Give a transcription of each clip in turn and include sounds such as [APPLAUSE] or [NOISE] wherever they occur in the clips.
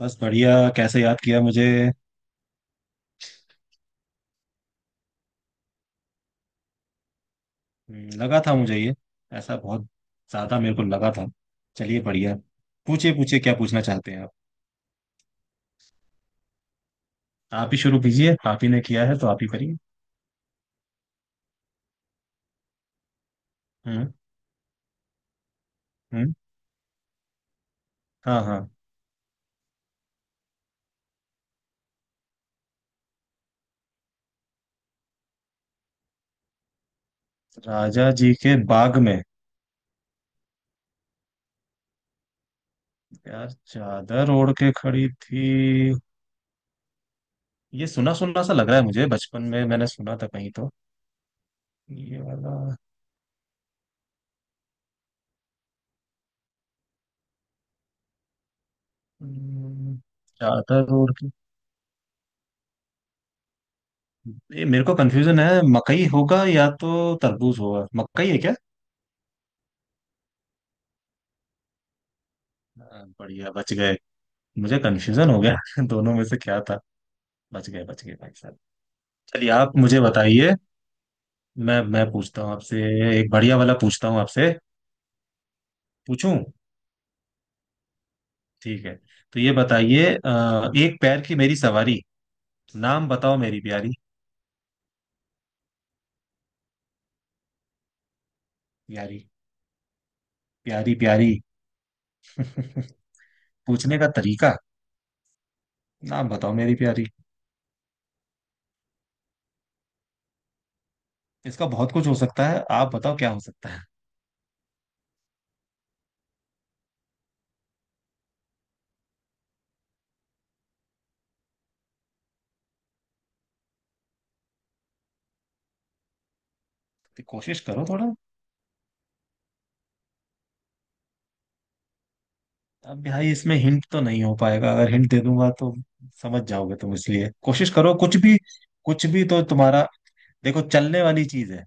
बस बढ़िया। कैसे याद किया मुझे? लगा था मुझे ये ऐसा बहुत ज्यादा मेरे को लगा था। चलिए बढ़िया। पूछिए पूछिए, क्या पूछना चाहते हैं आप? आप ही शुरू कीजिए, आप ही ने किया है तो आप ही करिए। हम्म। हम्म। हाँ हाँ। राजा जी के बाग में? यार चादर ओढ़ के खड़ी थी। ये सुना सुना सा लग रहा है मुझे, बचपन में मैंने सुना था कहीं तो ये वाला। हम्म, चादर ओढ़ के। ये मेरे को कंफ्यूजन है, मकई होगा या तो तरबूज होगा, मकई है क्या? हाँ, बढ़िया बच गए। मुझे कंफ्यूजन हो गया [LAUGHS] दोनों में से क्या था। बच गए भाई साहब। चलिए आप मुझे बताइए। मैं पूछता हूँ आपसे। एक बढ़िया वाला पूछता हूँ आपसे। पूछूं? ठीक है, तो ये बताइए, एक पैर की मेरी सवारी, नाम बताओ मेरी प्यारी। प्यारी प्यारी प्यारी। [LAUGHS] पूछने का तरीका, नाम बताओ मेरी प्यारी। इसका बहुत कुछ हो सकता है, आप बताओ क्या हो सकता है। तो कोशिश करो थोड़ा। अब भाई इसमें हिंट तो नहीं हो पाएगा, अगर हिंट दे दूंगा तो समझ जाओगे तुम, इसलिए कोशिश करो कुछ भी। कुछ भी तो तुम्हारा। देखो चलने वाली चीज है।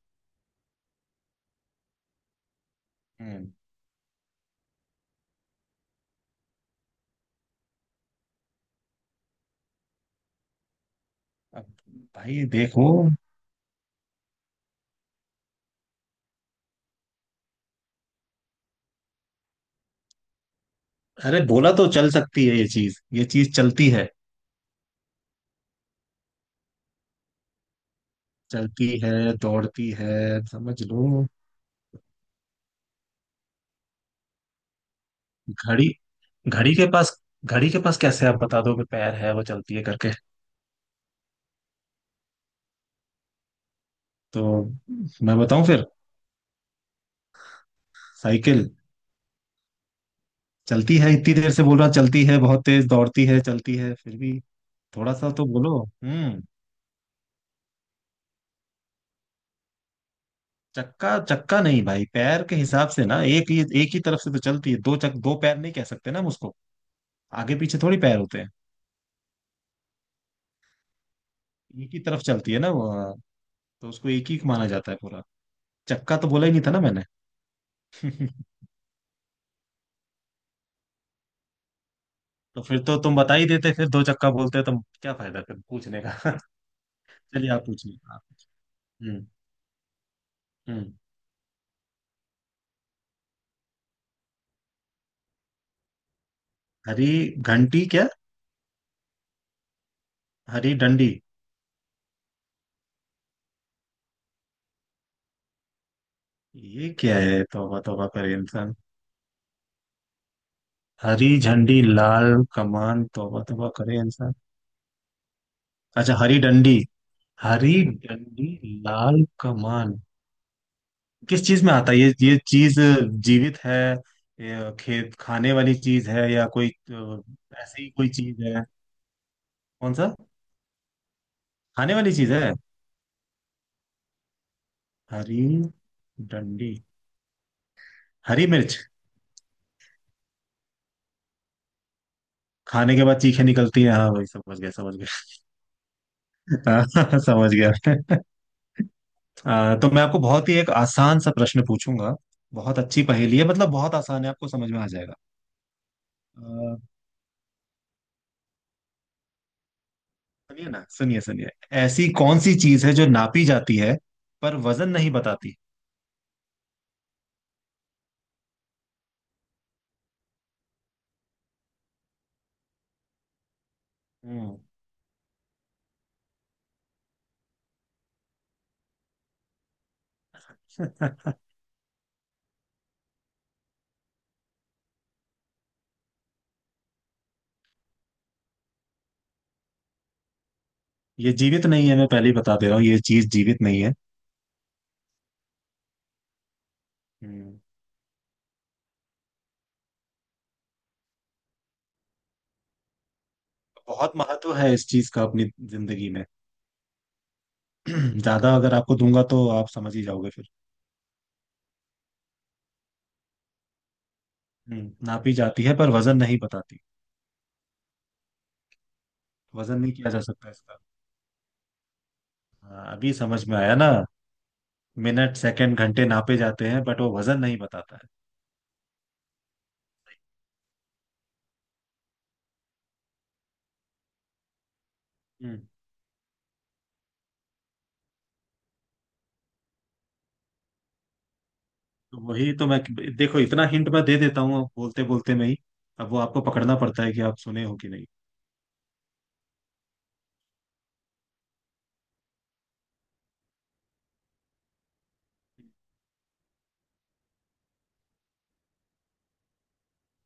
हम्म। अब भाई देखो, अरे बोला तो चल सकती है, ये चीज चलती है। चलती है दौड़ती है समझ लो। घड़ी? घड़ी के पास, घड़ी के पास कैसे आप बता दो कि पैर है वो चलती है करके? तो मैं बताऊं फिर? साइकिल। चलती है, इतनी देर से बोल रहा चलती है, बहुत तेज दौड़ती है, चलती है फिर भी। थोड़ा सा तो बोलो। हम्म। चक्का चक्का नहीं भाई, पैर के हिसाब से ना, एक ही तरफ से तो चलती है, दो चक दो पैर नहीं कह सकते ना हम उसको। आगे पीछे थोड़ी पैर होते हैं। एक ही तरफ चलती है ना वो, हाँ, तो उसको एक ही माना जाता है पूरा। चक्का तो बोला ही नहीं था ना मैंने। [LAUGHS] तो फिर तो तुम बता ही देते, फिर दो चक्का बोलते तो क्या फायदा फिर पूछने का। [LAUGHS] चलिए आप पूछिए आप। हम्म। हम्म। हरी घंटी क्या? हरी डंडी? ये क्या है, तौबा तौबा करे इंसान? हरी झंडी लाल कमान तौबा तौबा करे इंसान। अच्छा, हरी डंडी। हरी डंडी लाल कमान। किस चीज में आता है ये चीज जीवित है या खेत खाने वाली चीज है या कोई ऐसी ही कोई चीज है? कौन सा? खाने वाली चीज है? हरी डंडी, हरी मिर्च। खाने के बाद चीखें निकलती हैं, हाँ भाई समझ गया समझ गया। [LAUGHS] हाँ, समझ गया। [LAUGHS] तो मैं आपको बहुत ही एक आसान सा प्रश्न पूछूंगा, बहुत अच्छी पहेली है, मतलब बहुत आसान है, आपको समझ में आ जाएगा। सुनिए ना, सुनिए सुनिए। ऐसी कौन सी चीज है जो नापी जाती है पर वजन नहीं बताती? हम्म। [LAUGHS] ये जीवित नहीं है, मैं पहले ही बता दे रहा हूँ, ये चीज जीवित नहीं है। हम्म। बहुत महत्व है इस चीज का अपनी जिंदगी में। [CLEARS THROAT] ज्यादा अगर आपको दूंगा तो आप समझ ही जाओगे फिर। हम्म, नापी जाती है पर वजन नहीं बताती, वजन नहीं किया जा सकता इसका। हाँ, अभी समझ में आया ना। मिनट सेकंड घंटे नापे जाते हैं, बट वो वजन नहीं बताता है। हम्म। तो वही तो मैं, देखो इतना हिंट मैं दे देता हूँ बोलते बोलते में ही, अब वो आपको पकड़ना पड़ता है कि आप सुने हो कि नहीं।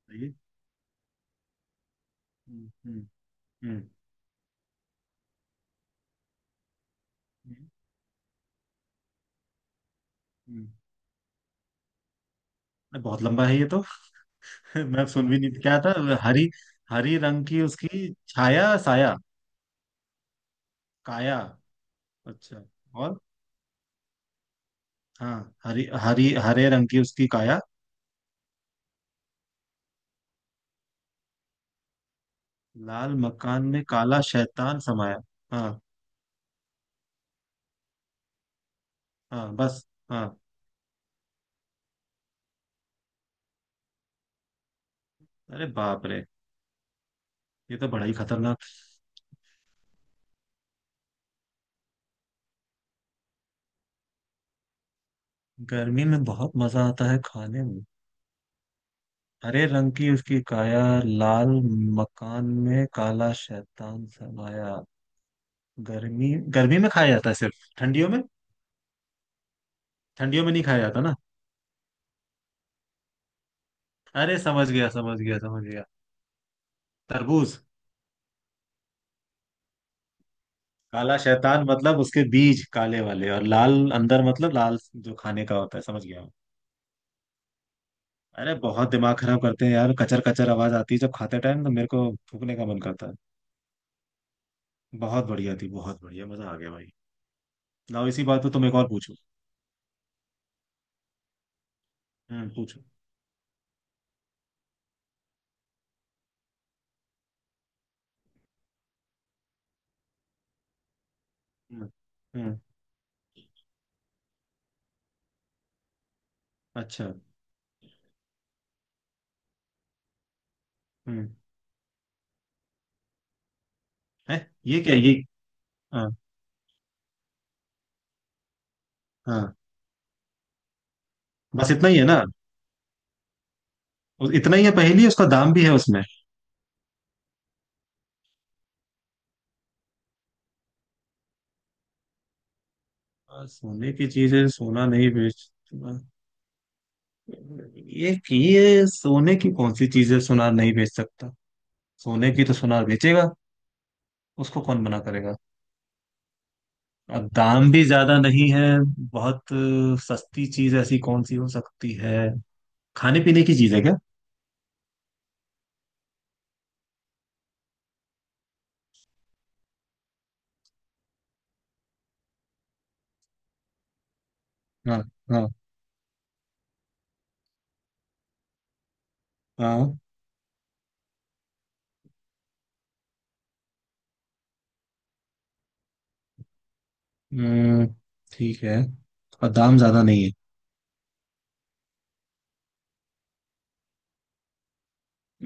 सही है? हम्म। हम्म। हम्म। हम्म, हम्म। अरे बहुत लंबा है ये तो। [LAUGHS] मैं सुन भी नहीं क्या था। हरी, हरी रंग की उसकी छाया साया काया। अच्छा। और? हाँ। हरी हरी हरे रंग की उसकी काया, लाल मकान में काला शैतान समाया। हाँ। हाँ बस। हाँ। अरे बाप रे, ये तो बड़ा ही खतरनाक। गर्मी में बहुत मजा आता है खाने में? हरे रंग की उसकी काया, लाल मकान में काला शैतान समाया, गर्मी, गर्मी में खाया जाता है सिर्फ ठंडियों में? ठंडियों में नहीं खाया जाता ना? अरे समझ गया समझ गया समझ गया। तरबूज। काला शैतान मतलब उसके बीज काले वाले, और लाल अंदर मतलब लाल जो खाने का होता है, समझ गया। अरे बहुत दिमाग खराब करते हैं यार, कचर कचर आवाज आती है जब खाते टाइम, तो मेरे को थूकने का मन करता है। बहुत बढ़िया थी, बहुत बढ़िया, मजा आ गया भाई। लाओ इसी बात पे तुम एक और पूछो। हम्म, पूछो। हम्म। हम्म। अच्छा। हम्म। है। ये क्या ये? हाँ। हाँ। बस इतना ही है ना? इतना ही है पहेली है, उसका दाम भी है उसमें? सोने की चीज है सोना नहीं बेच, ये सोने की कौन सी चीज है सोना नहीं बेच सकता? सोने की तो सोनार बेचेगा, उसको कौन मना करेगा? अब दाम भी ज्यादा नहीं है, बहुत सस्ती चीज ऐसी कौन सी हो सकती है? खाने पीने की चीज है क्या? हाँ। हाँ। हाँ। हम्म, ठीक है। और दाम ज्यादा नहीं है।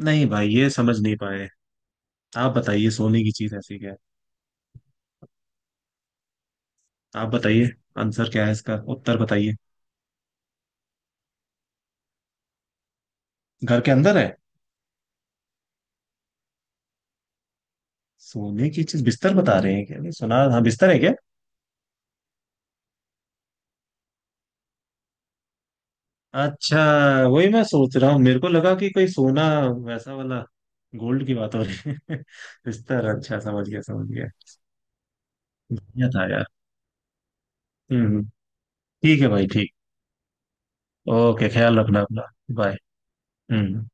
नहीं भाई ये समझ नहीं पाए। आप बताइए सोने की चीज ऐसी क्या है? आप बताइए, आंसर क्या है, इसका उत्तर बताइए। घर के अंदर है? सोने की चीज बिस्तर बता रहे हैं क्या? नहीं सुना, हाँ, बिस्तर है क्या? अच्छा, वही मैं सोच रहा हूँ, मेरे को लगा कि कोई सोना वैसा वाला, गोल्ड की बात हो रही है। [LAUGHS] बिस्तर, अच्छा समझ गया समझ गया। बढ़िया था यार। हम्म। हम्म। ठीक है भाई, ठीक। ओके, ख्याल रखना अपना। बाय। हम्म।